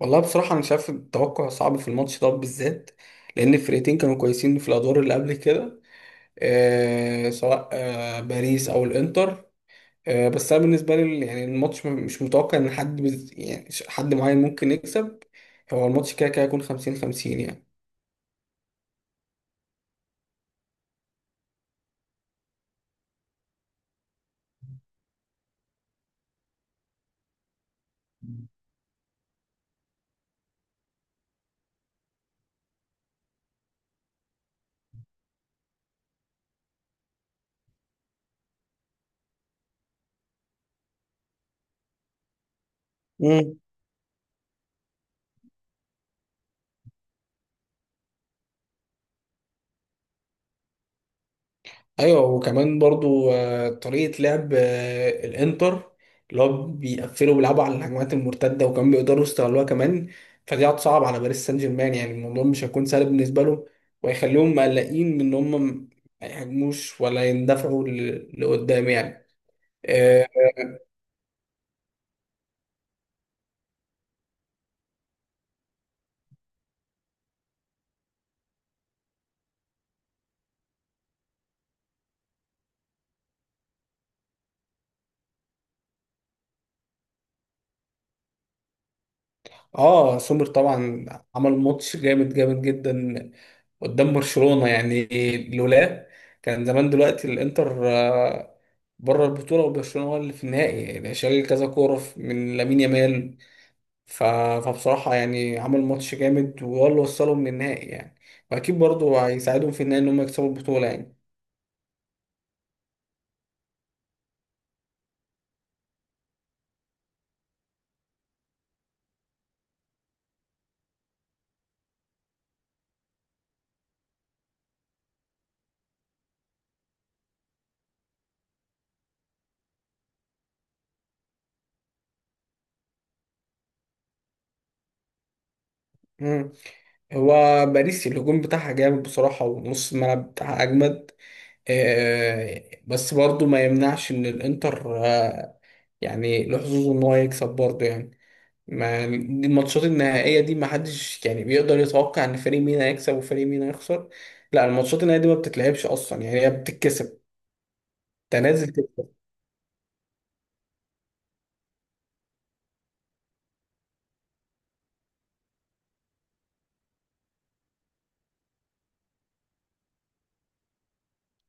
والله بصراحة أنا شايف التوقع صعب في الماتش ده بالذات، لأن الفرقتين كانوا كويسين في الأدوار اللي قبل كده. سواء باريس أو الإنتر. بس أنا بالنسبة لي يعني الماتش مش متوقع إن يعني حد معين ممكن يكسب. هو الماتش كده كده هيكون خمسين خمسين. يعني، ايوه، وكمان برضو طريقه لعب الانتر، اللي هو بيقفلوا بيلعبوا على الهجمات المرتده، وكمان بيقدروا يستغلوها كمان. فدي هتصعب على باريس سان جيرمان، يعني الموضوع مش هيكون سهل بالنسبه لهم. وهيخليهم مقلقين من ان هم ما يهاجموش ولا يندفعوا لقدام يعني. آه، اه، سومر طبعا عمل ماتش جامد جامد جدا قدام برشلونة، يعني لولا، كان زمان دلوقتي الانتر بره البطولة، وبرشلونة هو اللي في النهائي، يعني شال كذا كورة من لامين يامال. ف- فبصراحة يعني عمل ماتش جامد وهو اللي وصلهم للنهائي يعني. واكيد برضه هيساعدهم في النهائي ان هم يكسبوا البطولة يعني. مم. هو باريس الهجوم بتاعها جامد بصراحة، ونص الملعب بتاعها أجمد. بس برضو ما يمنعش ان الانتر يعني له حظوظ ان هو يكسب برضو يعني. ما دي الماتشات النهائية دي ما حدش يعني بيقدر يتوقع ان فريق مين هيكسب وفريق مين هيخسر. لا، الماتشات النهائية دي ما بتتلعبش اصلا، يعني هي بتتكسب. تنازل.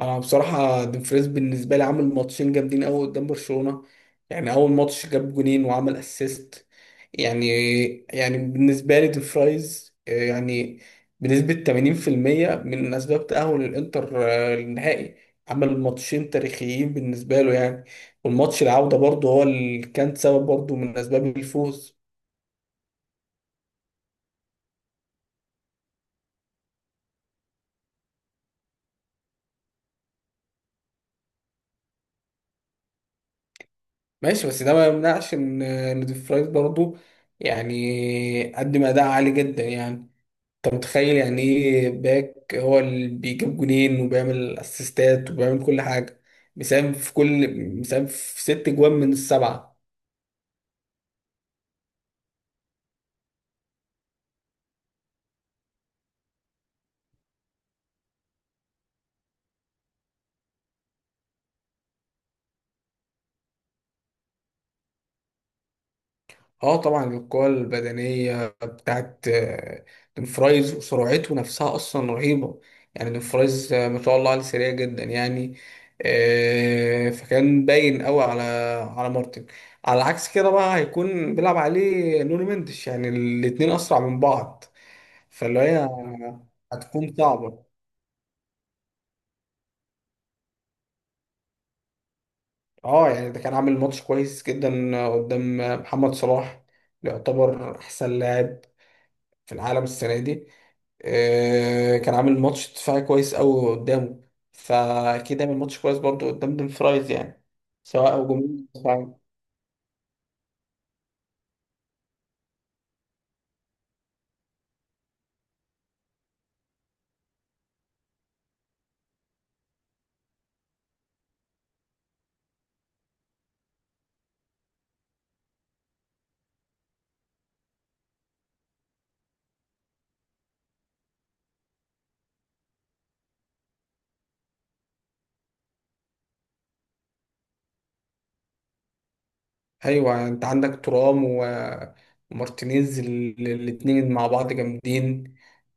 انا بصراحه دومفريز بالنسبه لي عامل ماتشين جامدين قوي قدام برشلونه. يعني اول ماتش جاب جونين وعمل اسيست يعني يعني بالنسبه لي دومفريز يعني بنسبه 80% من اسباب تاهل الانتر للنهائي. عمل ماتشين تاريخيين بالنسبه له يعني. والماتش العوده برضه هو اللي كان سبب برضه من اسباب الفوز. ماشي، بس ده ما يمنعش ان آه، إن دومفريز برضه يعني قدم اداء عالي جدا يعني. انت متخيل يعني ايه باك هو اللي بيجيب جونين وبيعمل اسيستات وبيعمل كل حاجه؟ مساهم في كل مساهم في ست جوان من السبعه. اه طبعا، القوة البدنية بتاعت دونفرايز وسرعته نفسها اصلا رهيبة. يعني دونفرايز ما شاء الله عليه سريع جدا يعني. فكان باين قوي على مارتن. على عكس كده بقى، هيكون بيلعب عليه نونو مندش، يعني الاتنين اسرع من بعض. فاللي هي هتكون صعبة. اه، يعني ده كان عامل ماتش كويس جدا قدام محمد صلاح، يعتبر احسن لاعب في العالم السنة دي. كان عامل ماتش دفاعي كويس قوي قدامه، فأكيد عامل ماتش كويس برضه قدام دون فرايز، يعني سواء هجومي أو دفاعي. ايوه، انت عندك ترام ومارتينيز، الاتنين مع بعض جامدين.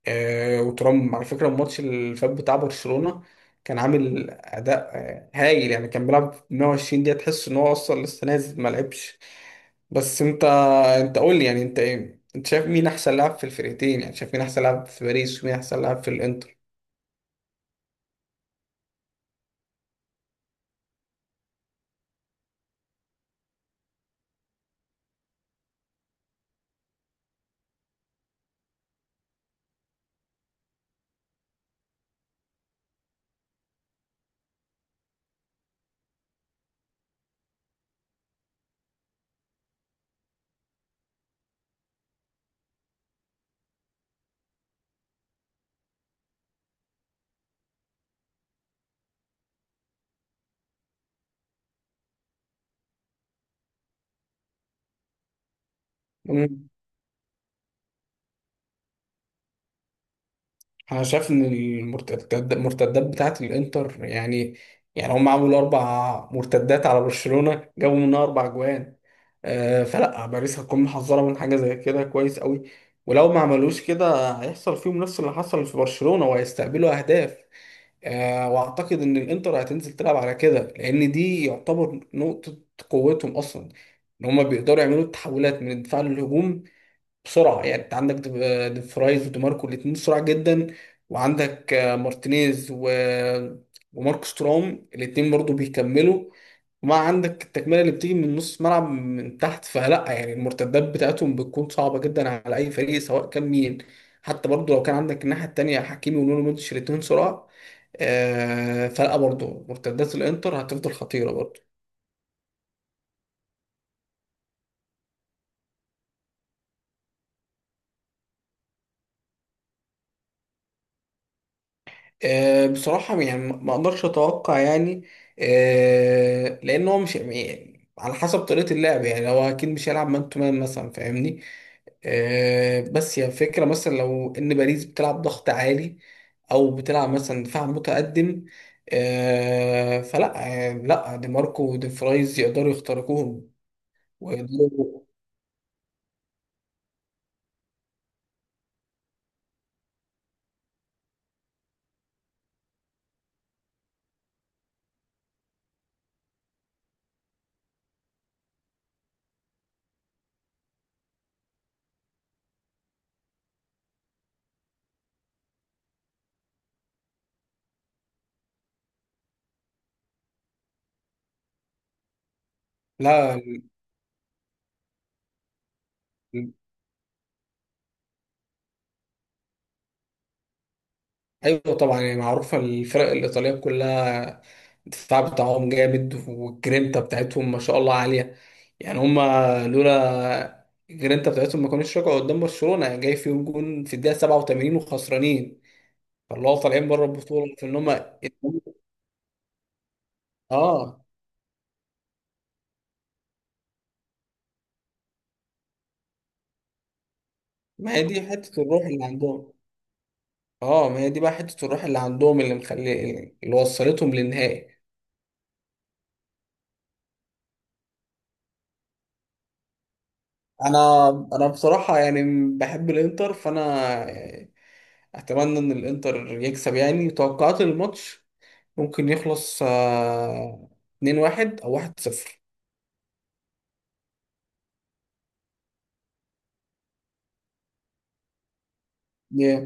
وترام على فكره الماتش اللي فات بتاع برشلونه كان عامل اداء هايل، يعني كان بيلعب 120 دقيقه تحس ان هو اصلا لسه نازل ما لعبش. بس انت قول لي يعني انت ايه؟ انت شايف مين احسن لاعب في الفرقتين، يعني شايف مين احسن لاعب في باريس ومين احسن لاعب في الانتر؟ انا شايف ان المرتدات بتاعت الانتر، يعني يعني هم عملوا اربع مرتدات على برشلونة جابوا منها اربع جوان. فلا باريس هتكون محذرة من حاجة زي كده كويس قوي، ولو ما عملوش كده هيحصل فيهم نفس اللي حصل في برشلونة وهيستقبلوا اهداف. واعتقد ان الانتر هتنزل تلعب على كده، لان دي يعتبر نقطة قوتهم اصلا، ان هم بيقدروا يعملوا التحولات من الدفاع للهجوم بسرعه. يعني انت عندك ديفرايز وديماركو الاثنين سرعه جدا، وعندك مارتينيز وماركوس تورام الاثنين برضو بيكملوا. وما عندك التكمله اللي بتيجي من نص ملعب من تحت، فلا يعني المرتدات بتاعتهم بتكون صعبه جدا على اي فريق سواء كان مين. حتى برضو لو كان عندك الناحيه التانيه حكيمي ونونو مودريتش الاثنين سرعه. فلا برضو مرتدات الانتر هتفضل خطيره برضو. بصراحة يعني ما اقدرش اتوقع يعني. لان هو مش يعني على حسب طريقة اللعب، يعني هو اكيد مش هيلعب مان تو مان مثلا، فاهمني. بس هي فكرة، مثلا لو ان باريس بتلعب ضغط عالي، او بتلعب مثلا دفاع متقدم، فلا، لا دي ماركو ودي فرايز يقدروا يخترقوهم، ويقدروا. لا، ايوه طبعا، يعني معروفه الفرق الايطاليه كلها الدفاع بتاعهم جامد، والجرينتا بتاعتهم ما شاء الله عاليه، يعني هما لولا الجرينتا بتاعتهم ما كانوش رجعوا قدام برشلونه، يعني جاي فيهم جون في الدقيقه 87 وخسرانين. فاللي هو طالعين بره البطوله في ان هما. اه، ما هي دي حته الروح اللي عندهم. اه، ما هي دي بقى حته الروح اللي عندهم اللي مخلي، اللي وصلتهم للنهائي. انا بصراحه يعني بحب الانتر، فانا اتمنى ان الانتر يكسب، يعني توقعات الماتش ممكن يخلص 2-1 او 1-0. yeah.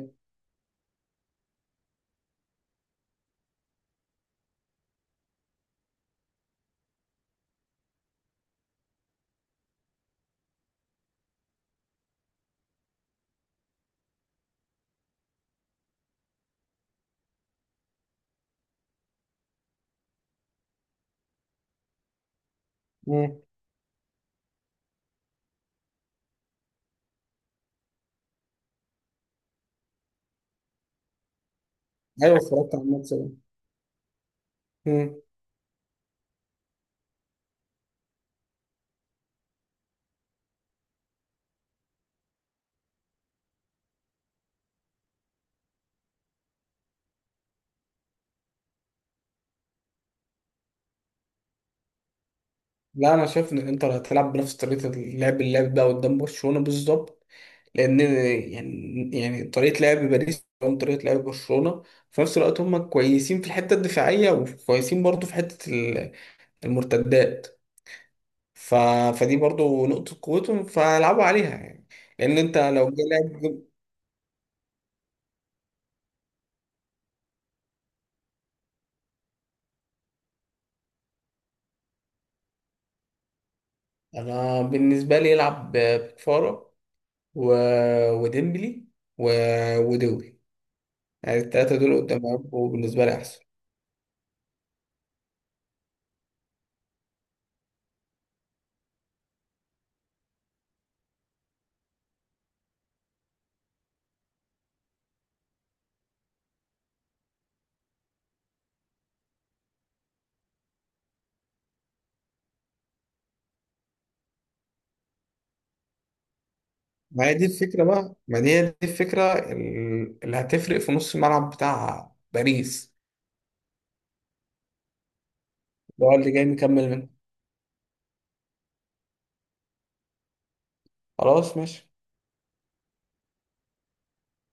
مم. ايوه، اتفرجت على الماتش ده. مم. لا، انا شايف ان الانتر هتلعب بنفس طريقه اللعب اللي لعب بقى قدام برشلونه بالظبط، لان يعني طريقه لعب باريس قدام طريقه لعب برشلونه، في نفس الوقت هم كويسين في الحته الدفاعيه وكويسين برضو في حته المرتدات. ف... فدي برضو نقطه قوتهم، فهيلعبوا عليها يعني. لان انت لو جاي لاعب، انا بالنسبه لي يلعب بكفاره، و... وديمبلي، و... ودوي، يعني الثلاثه دول قدام يبقوا بالنسبه لي احسن. ما هي دي الفكره بقى، ما دي هي دي الفكره اللي هتفرق في نص الملعب بتاع باريس، اللي هو اللي جاي مكمل منه. خلاص ماشي.